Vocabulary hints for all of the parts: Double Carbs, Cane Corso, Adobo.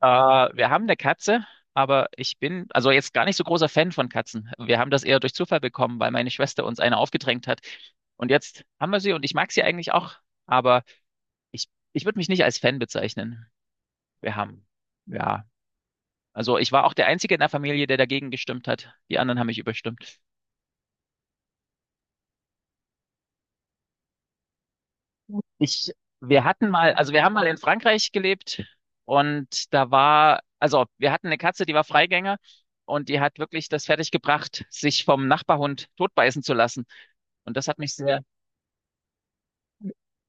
Wir haben eine Katze, aber ich bin also jetzt gar nicht so großer Fan von Katzen. Wir haben das eher durch Zufall bekommen, weil meine Schwester uns eine aufgedrängt hat. Und jetzt haben wir sie und ich mag sie eigentlich auch, aber ich würde mich nicht als Fan bezeichnen. Wir haben, ja, also ich war auch der Einzige in der Familie, der dagegen gestimmt hat. Die anderen haben mich überstimmt. Ich, wir hatten mal, also wir haben mal in Frankreich gelebt und da war, also wir hatten eine Katze, die war Freigänger und die hat wirklich das fertiggebracht, sich vom Nachbarhund totbeißen zu lassen. Und das hat mich sehr,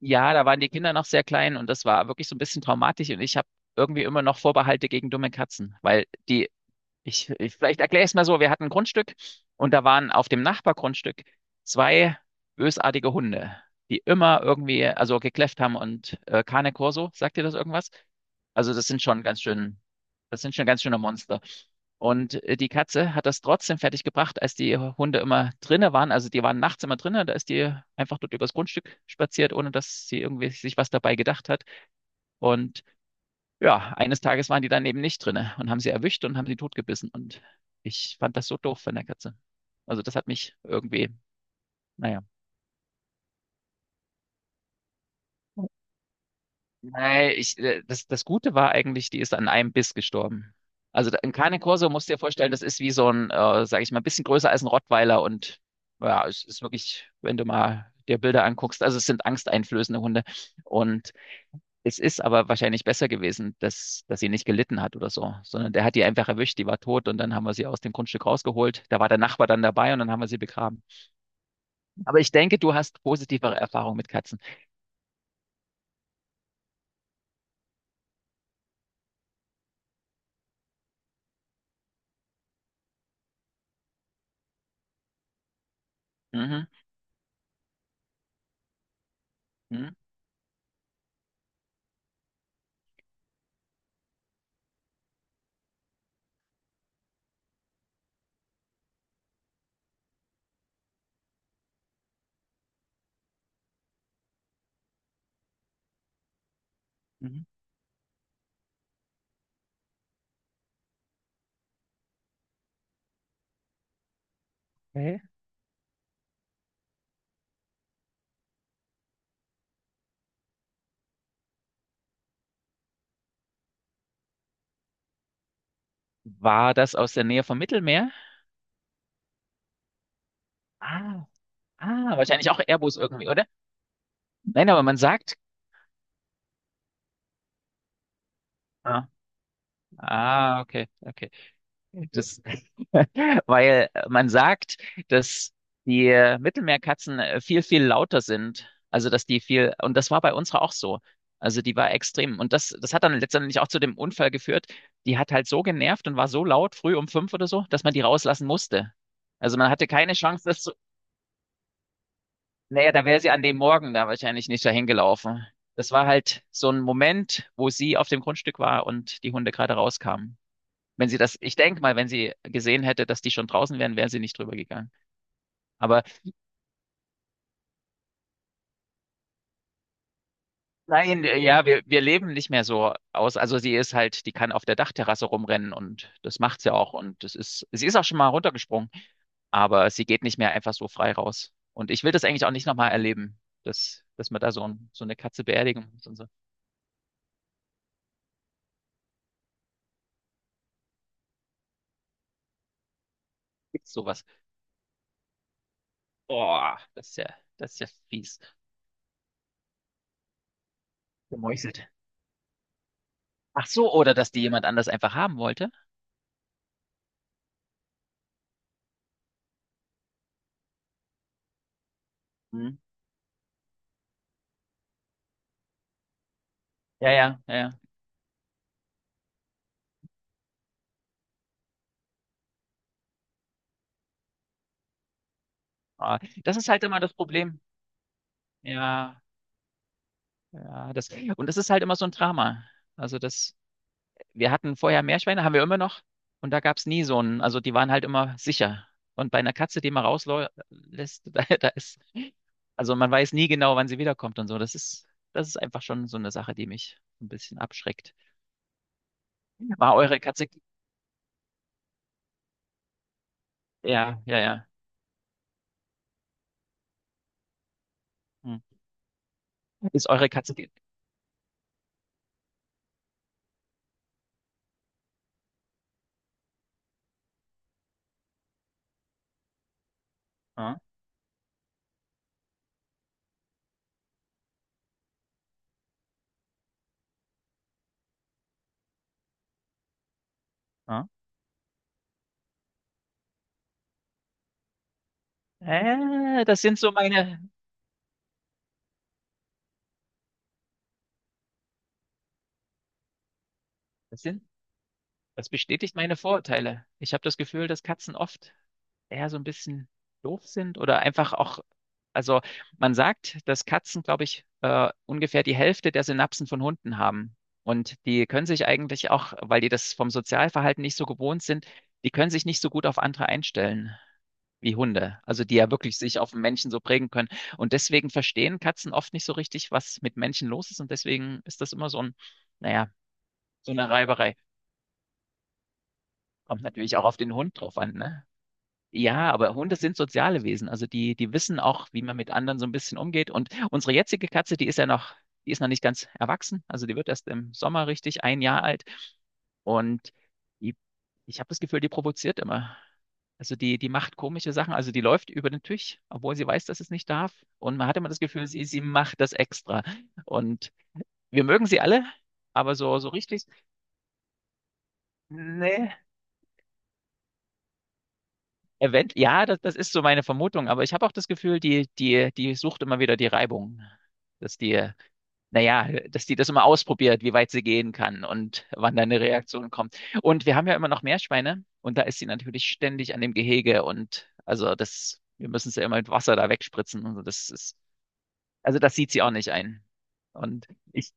ja, da waren die Kinder noch sehr klein und das war wirklich so ein bisschen traumatisch und ich habe irgendwie immer noch Vorbehalte gegen dumme Katzen, weil ich vielleicht erkläre es mal so. Wir hatten ein Grundstück und da waren auf dem Nachbargrundstück zwei bösartige Hunde, die immer irgendwie, also gekläfft haben und Cane Corso, sagt dir das irgendwas? Also das sind schon ganz schöne Monster. Und die Katze hat das trotzdem fertig gebracht, als die Hunde immer drinne waren. Also die waren nachts immer drinne, da ist die einfach dort übers Grundstück spaziert, ohne dass sie irgendwie sich was dabei gedacht hat. Und ja, eines Tages waren die dann eben nicht drinne und haben sie erwischt und haben sie totgebissen. Und ich fand das so doof von der Katze. Also das hat mich irgendwie, naja. Nein, das Gute war eigentlich, die ist an einem Biss gestorben. Also ein Cane Corso musst du dir vorstellen, das ist wie so sag ich mal, ein bisschen größer als ein Rottweiler und ja, es ist wirklich, wenn du mal dir Bilder anguckst, also es sind angsteinflößende Hunde. Und es ist aber wahrscheinlich besser gewesen, dass sie nicht gelitten hat oder so, sondern der hat die einfach erwischt, die war tot und dann haben wir sie aus dem Grundstück rausgeholt. Da war der Nachbar dann dabei und dann haben wir sie begraben. Aber ich denke, du hast positivere Erfahrungen mit Katzen. Mhm. Mhm. Mhm. Okay. War das aus der Nähe vom Mittelmeer? Ah, ah, wahrscheinlich auch Airbus irgendwie, oder? Nein, aber man sagt. Ah, ah, okay, okay. Das, Weil man sagt, dass die Mittelmeerkatzen viel, viel lauter sind. Also, dass die viel, und das war bei unserer auch so. Also, die war extrem. Und das hat dann letztendlich auch zu dem Unfall geführt. Die hat halt so genervt und war so laut, früh um 5 oder so, dass man die rauslassen musste. Also, man hatte keine Chance, naja, da wäre sie an dem Morgen da wahrscheinlich nicht dahin gelaufen. Das war halt so ein Moment, wo sie auf dem Grundstück war und die Hunde gerade rauskamen. Wenn sie das, ich denke mal, wenn sie gesehen hätte, dass die schon draußen wären, wäre sie nicht drüber gegangen. Aber nein, ja, wir leben nicht mehr so aus. Also sie ist halt, die kann auf der Dachterrasse rumrennen und das macht sie auch. Und das ist, sie ist auch schon mal runtergesprungen, aber sie geht nicht mehr einfach so frei raus. Und ich will das eigentlich auch nicht nochmal erleben, dass man da so eine Katze beerdigen muss und so. Gibt's sowas? Boah, das ist ja fies. Gemeuchelt. Ach so, oder dass die jemand anders einfach haben wollte. Hm. Ja, ja, ja. Ja. Ah, das ist halt immer das Problem. Ja, ja, und das ist halt immer so ein Drama. Also das wir hatten vorher Meerschweine, haben wir immer noch. Und da gab es nie so einen, also die waren halt immer sicher. Und bei einer Katze, die man rauslässt, da ist, also man weiß nie genau, wann sie wiederkommt und so. Das ist einfach schon so eine Sache, die mich ein bisschen abschreckt. War eure Katze, ja, ja, ja. Hm. Ist eure Katze, ja, ja. Äh, das sind so meine, das sind Das bestätigt meine Vorurteile. Ich habe das Gefühl, dass Katzen oft eher so ein bisschen doof sind oder einfach auch, also man sagt, dass Katzen, glaube ich, ungefähr die Hälfte der Synapsen von Hunden haben. Und die können sich eigentlich auch, weil die das vom Sozialverhalten nicht so gewohnt sind, die können sich nicht so gut auf andere einstellen wie Hunde. Also die ja wirklich sich auf Menschen so prägen können. Und deswegen verstehen Katzen oft nicht so richtig, was mit Menschen los ist. Und deswegen ist das immer naja, so eine Reiberei. Kommt natürlich auch auf den Hund drauf an, ne? Ja, aber Hunde sind soziale Wesen. Also die wissen auch, wie man mit anderen so ein bisschen umgeht. Und unsere jetzige Katze, die ist noch nicht ganz erwachsen. Also die wird erst im Sommer richtig ein Jahr alt. Und die, ich habe das Gefühl, die provoziert immer. Also die macht komische Sachen. Also die läuft über den Tisch, obwohl sie weiß, dass es nicht darf. Und man hat immer das Gefühl, sie macht das extra. Und wir mögen sie alle, aber so, so richtig, nee. Ja, das ist so meine Vermutung, aber ich habe auch das Gefühl, die sucht immer wieder die Reibung, dass die, naja, dass die das immer ausprobiert, wie weit sie gehen kann und wann da eine Reaktion kommt. Und wir haben ja immer noch Meerschweine und da ist sie natürlich ständig an dem Gehege und also wir müssen sie immer mit Wasser da wegspritzen und so, also das sieht sie auch nicht ein. Und ich,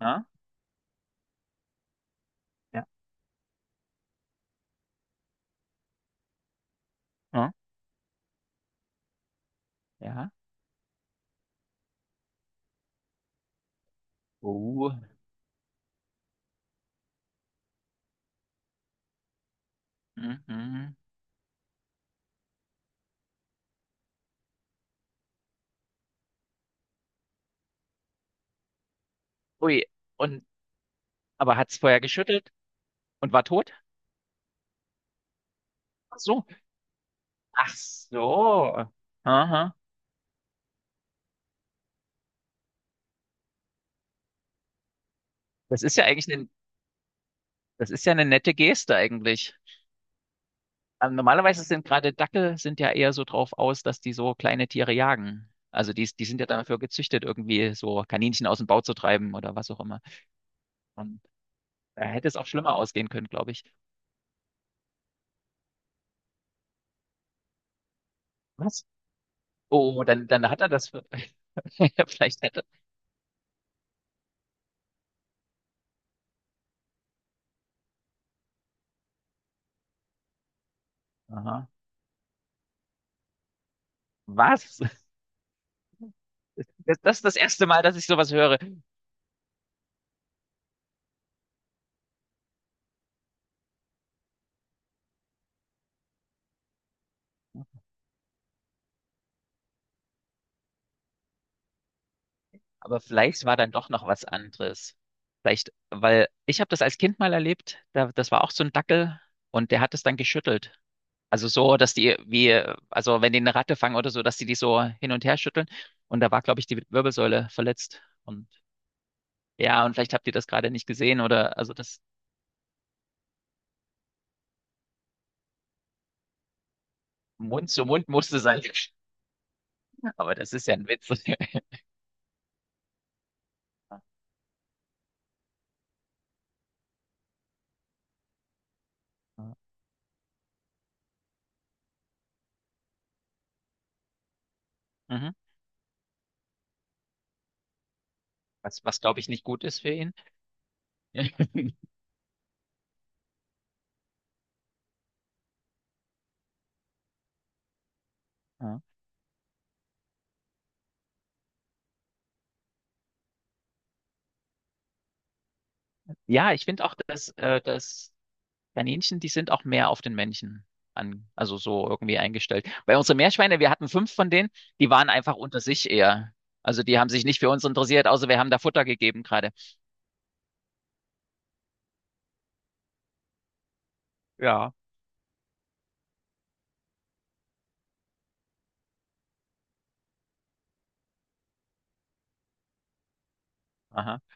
ja, ja, ja, ja, oh, mhm. Ui, und, aber hat's vorher geschüttelt und war tot? Ach so. Ach so. Aha. Das ist ja eigentlich eine, das ist ja eine nette Geste eigentlich. Normalerweise sind gerade Dackel sind ja eher so drauf aus, dass die so kleine Tiere jagen. Also die sind ja dafür gezüchtet, irgendwie so Kaninchen aus dem Bau zu treiben oder was auch immer. Und da hätte es auch schlimmer ausgehen können, glaube ich. Was? Oh, dann hat er das. Vielleicht hätte. Aha. Was? Das ist das erste Mal, dass ich sowas höre. Aber vielleicht war dann doch noch was anderes. Vielleicht, weil ich habe das als Kind mal erlebt, da, das war auch so ein Dackel und der hat es dann geschüttelt. Also so, also wenn die eine Ratte fangen oder so, dass die die so hin und her schütteln. Und da war, glaube ich, die Wirbelsäule verletzt. Und ja, und vielleicht habt ihr das gerade nicht gesehen oder, also das Mund zu Mund musste sein. Aber das ist ja ein Witz. Mhm. Was glaube ich nicht gut ist für ihn. Ja, ja, ich finde auch, dass Kaninchen, die sind auch mehr auf den Männchen an, also so irgendwie eingestellt. Bei unseren Meerschweine, wir hatten fünf von denen, die waren einfach unter sich eher. Also die haben sich nicht für uns interessiert, außer wir haben da Futter gegeben gerade. Ja. Aha.